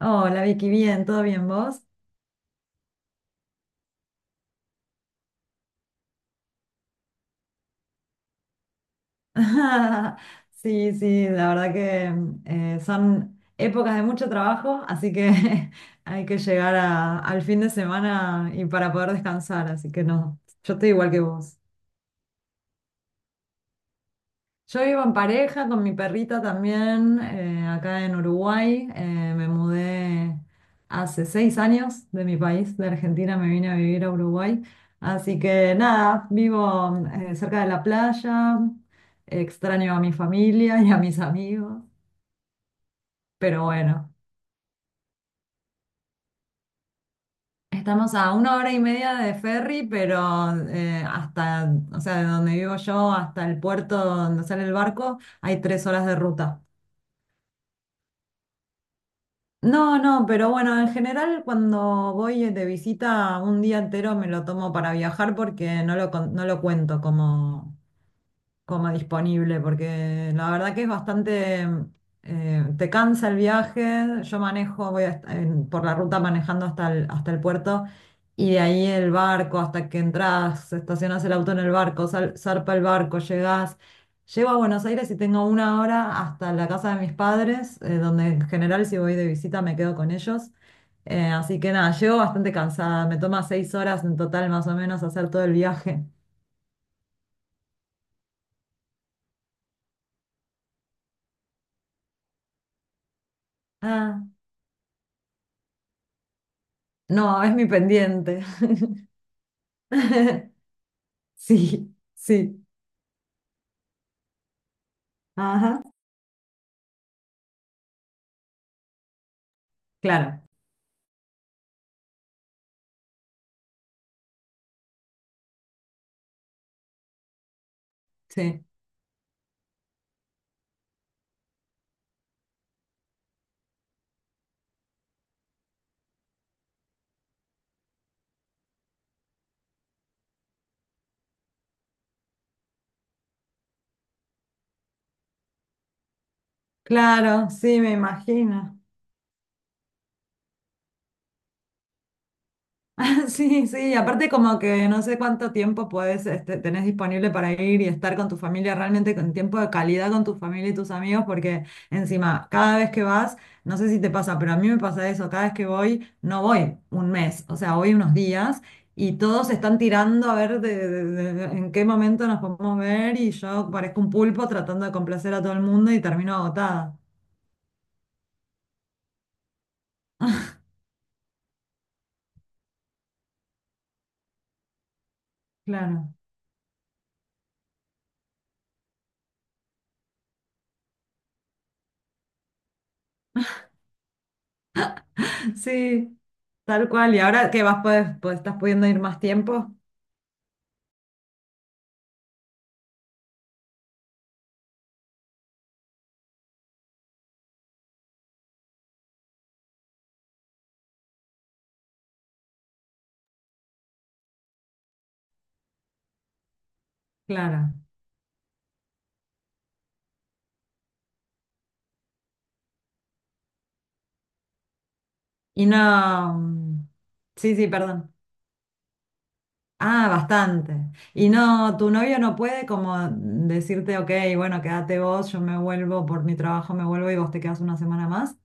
Hola Vicky, bien, ¿todo bien vos? Sí, sí, la verdad que son épocas de mucho trabajo, así que hay que llegar al fin de semana y para poder descansar, así que no, yo estoy igual que vos. Yo vivo en pareja con mi perrita también, acá en Uruguay. Me mudé hace 6 años de mi país, de Argentina, me vine a vivir a Uruguay. Así que nada, vivo cerca de la playa, extraño a mi familia y a mis amigos, pero bueno, estamos a 1 hora y media de ferry, pero o sea, de donde vivo yo hasta el puerto donde sale el barco hay 3 horas de ruta. No, no, pero bueno, en general cuando voy de visita un día entero me lo tomo para viajar porque no lo cuento como disponible, porque la verdad que es bastante, te cansa el viaje, yo manejo, voy por la ruta manejando hasta el puerto y de ahí el barco, hasta que entras, estacionas el auto en el barco, zarpa el barco, llego a Buenos Aires y tengo una hora hasta la casa de mis padres, donde en general si voy de visita me quedo con ellos. Así que nada, llego bastante cansada, me toma 6 horas en total más o menos hacer todo el viaje. Ah. No, es mi pendiente. Sí, sí. Ajá, claro, sí. Claro, sí, me imagino. Sí, sí, aparte como que no sé cuánto tiempo puedes, este, tenés disponible para ir y estar con tu familia, realmente con tiempo de calidad con tu familia y tus amigos, porque encima, cada vez que vas, no sé si te pasa, pero a mí me pasa eso, cada vez que voy, no voy un mes, o sea, voy unos días y todos están tirando a ver en qué momento nos podemos ver y yo parezco un pulpo tratando de complacer a todo el mundo y termino agotada. Claro. Sí, tal cual. Y ahora que vas, puedes, pues, estás pudiendo ir más tiempo, claro. Y no. Mm, sí, sí, perdón. Ah, bastante. Y no, tu novio no puede como decirte, ok, bueno, quédate vos, yo me vuelvo por mi trabajo, me vuelvo y vos te quedas una semana más.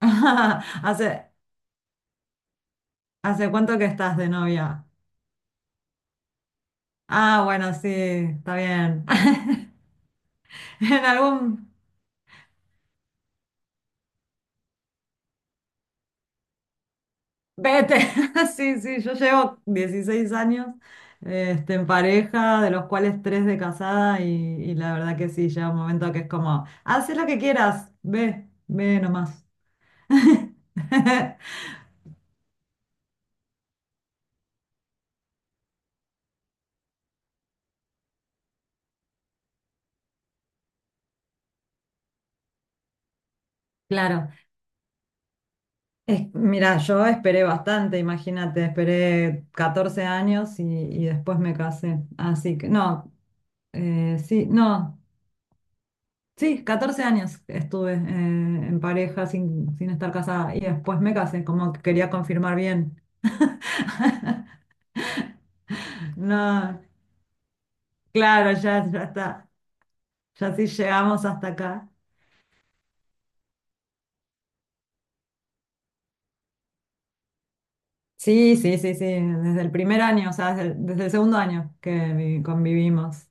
¿Hace, hace cuánto que estás de novia? Ah, bueno, sí, está bien. En algún, Vete, sí, sí, yo llevo 16 años en pareja, de los cuales tres de casada y la verdad que sí, llega un momento que es como, "Ah, haz lo que quieras, ve, ve nomás". Claro, mira, yo esperé bastante, imagínate, esperé 14 años y después me casé, así que no, sí, no, sí, 14 años estuve en pareja sin estar casada y después me casé, como que quería confirmar bien. No, claro, ya, ya está. Ya sí llegamos hasta acá. Sí, sí, sí, sí, desde el primer año, o sea, desde el segundo año que convivimos.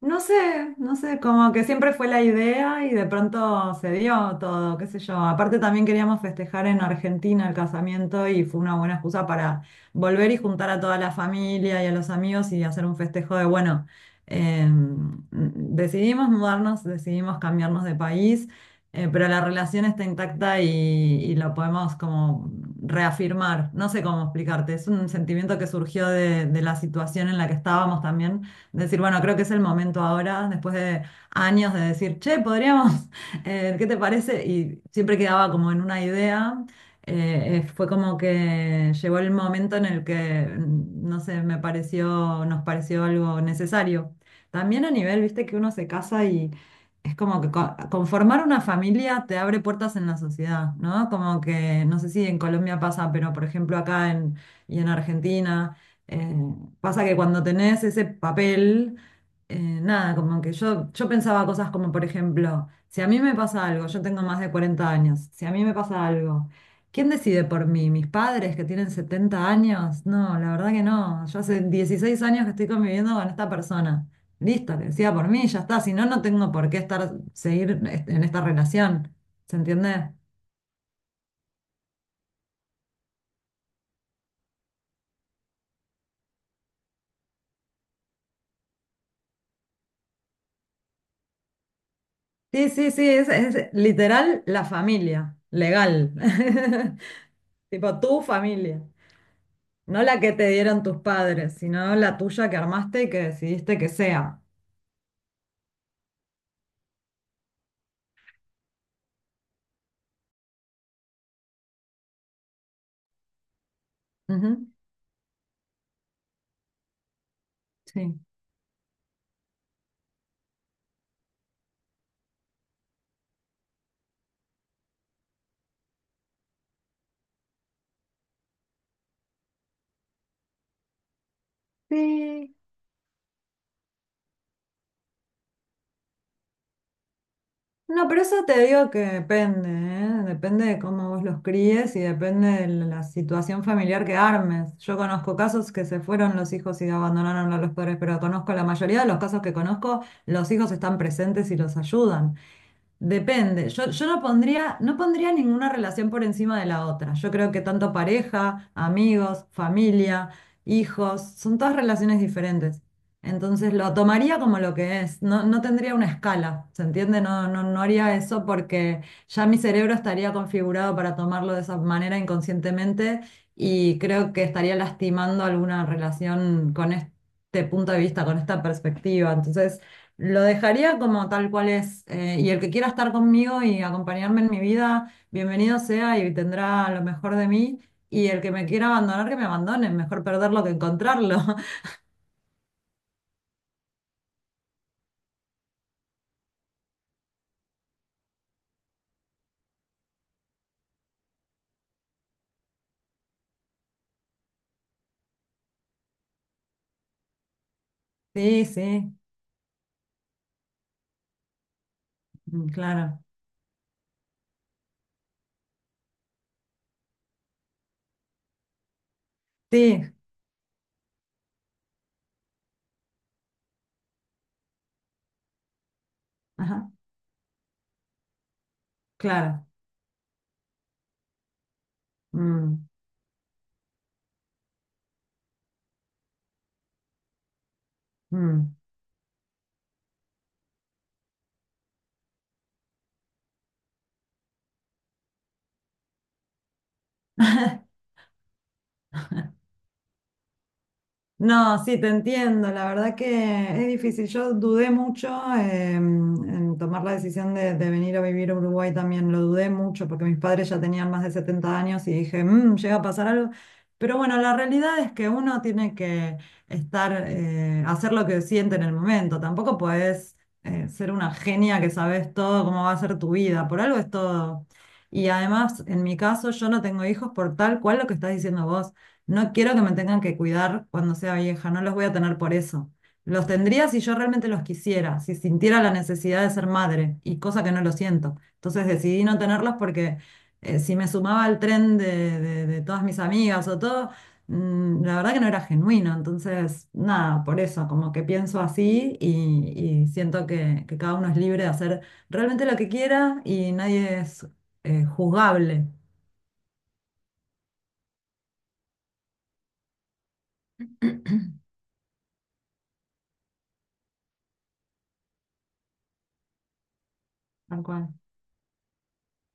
No sé, no sé, como que siempre fue la idea y de pronto se dio todo, qué sé yo. Aparte también queríamos festejar en Argentina el casamiento y fue una buena excusa para volver y juntar a toda la familia y a los amigos y hacer un festejo de, bueno, eh, decidimos mudarnos, decidimos cambiarnos de país, pero la relación está intacta y lo podemos como reafirmar. No sé cómo explicarte, es un sentimiento que surgió de la situación en la que estábamos también. Decir, bueno, creo que es el momento ahora, después de años de decir, che, podríamos, ¿qué te parece? Y siempre quedaba como en una idea. Fue como que llegó el momento en el que, no sé, me pareció, nos pareció algo necesario. También a nivel, viste, que uno se casa y es como que conformar una familia te abre puertas en la sociedad, ¿no? Como que, no sé si en Colombia pasa, pero por ejemplo acá y en Argentina. eh, Pasa que cuando tenés ese papel, nada, como que yo pensaba cosas como, por ejemplo, si a mí me pasa algo, yo tengo más de 40 años, si a mí me pasa algo, ¿quién decide por mí? ¿Mis padres que tienen 70 años? No, la verdad que no. Yo hace 16 años que estoy conviviendo con esta persona. Listo, que decida por mí, ya está. Si no, no tengo por qué estar, seguir en esta relación. ¿Se entiende? Sí, sí, sí, es literal la familia, legal. Tipo tu familia. No la que te dieron tus padres, sino la tuya que armaste y que decidiste que sea. Ujú, sí. Sí. No, pero eso te digo que depende, ¿eh? Depende de cómo vos los críes y depende de la situación familiar que armes. Yo conozco casos que se fueron los hijos y abandonaron a los padres, pero conozco la mayoría de los casos que conozco, los hijos están presentes y los ayudan. Depende. Yo no pondría, no pondría ninguna relación por encima de la otra. Yo creo que tanto pareja, amigos, familia, hijos, son todas relaciones diferentes. Entonces lo tomaría como lo que es. No, no tendría una escala, ¿se entiende? No, no, no haría eso porque ya mi cerebro estaría configurado para tomarlo de esa manera inconscientemente y creo que estaría lastimando alguna relación con este punto de vista, con esta perspectiva. Entonces. Lo dejaría como tal cual es. Y el que quiera estar conmigo y acompañarme en mi vida, bienvenido sea y tendrá lo mejor de mí. Y el que me quiera abandonar, que me abandone. Mejor perderlo que encontrarlo. Sí, sí, claro. Sí, ajá, claro. Mm, mm. No, sí, te entiendo. La verdad que es difícil. Yo dudé mucho en tomar la decisión de venir a vivir a Uruguay también. Lo dudé mucho porque mis padres ya tenían más de 70 años y dije, "Mm, llega a pasar algo". Pero bueno, la realidad es que uno tiene que hacer lo que siente en el momento. Tampoco puedes ser una genia que sabes todo cómo va a ser tu vida. Por algo es todo. Y además, en mi caso, yo no tengo hijos por tal cual lo que estás diciendo vos. No quiero que me tengan que cuidar cuando sea vieja, no los voy a tener por eso. Los tendría si yo realmente los quisiera, si sintiera la necesidad de ser madre, y cosa que no lo siento. Entonces decidí no tenerlos porque si me sumaba al tren de todas mis amigas o todo, la verdad que no era genuino. Entonces, nada, por eso, como que pienso así y siento que cada uno es libre de hacer realmente lo que quiera y nadie es juzgable. Tal cual.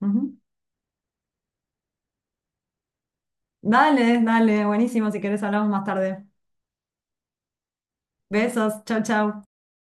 Ujú. Dale, dale, buenísimo. Si querés hablamos más tarde. Besos, chau, chau.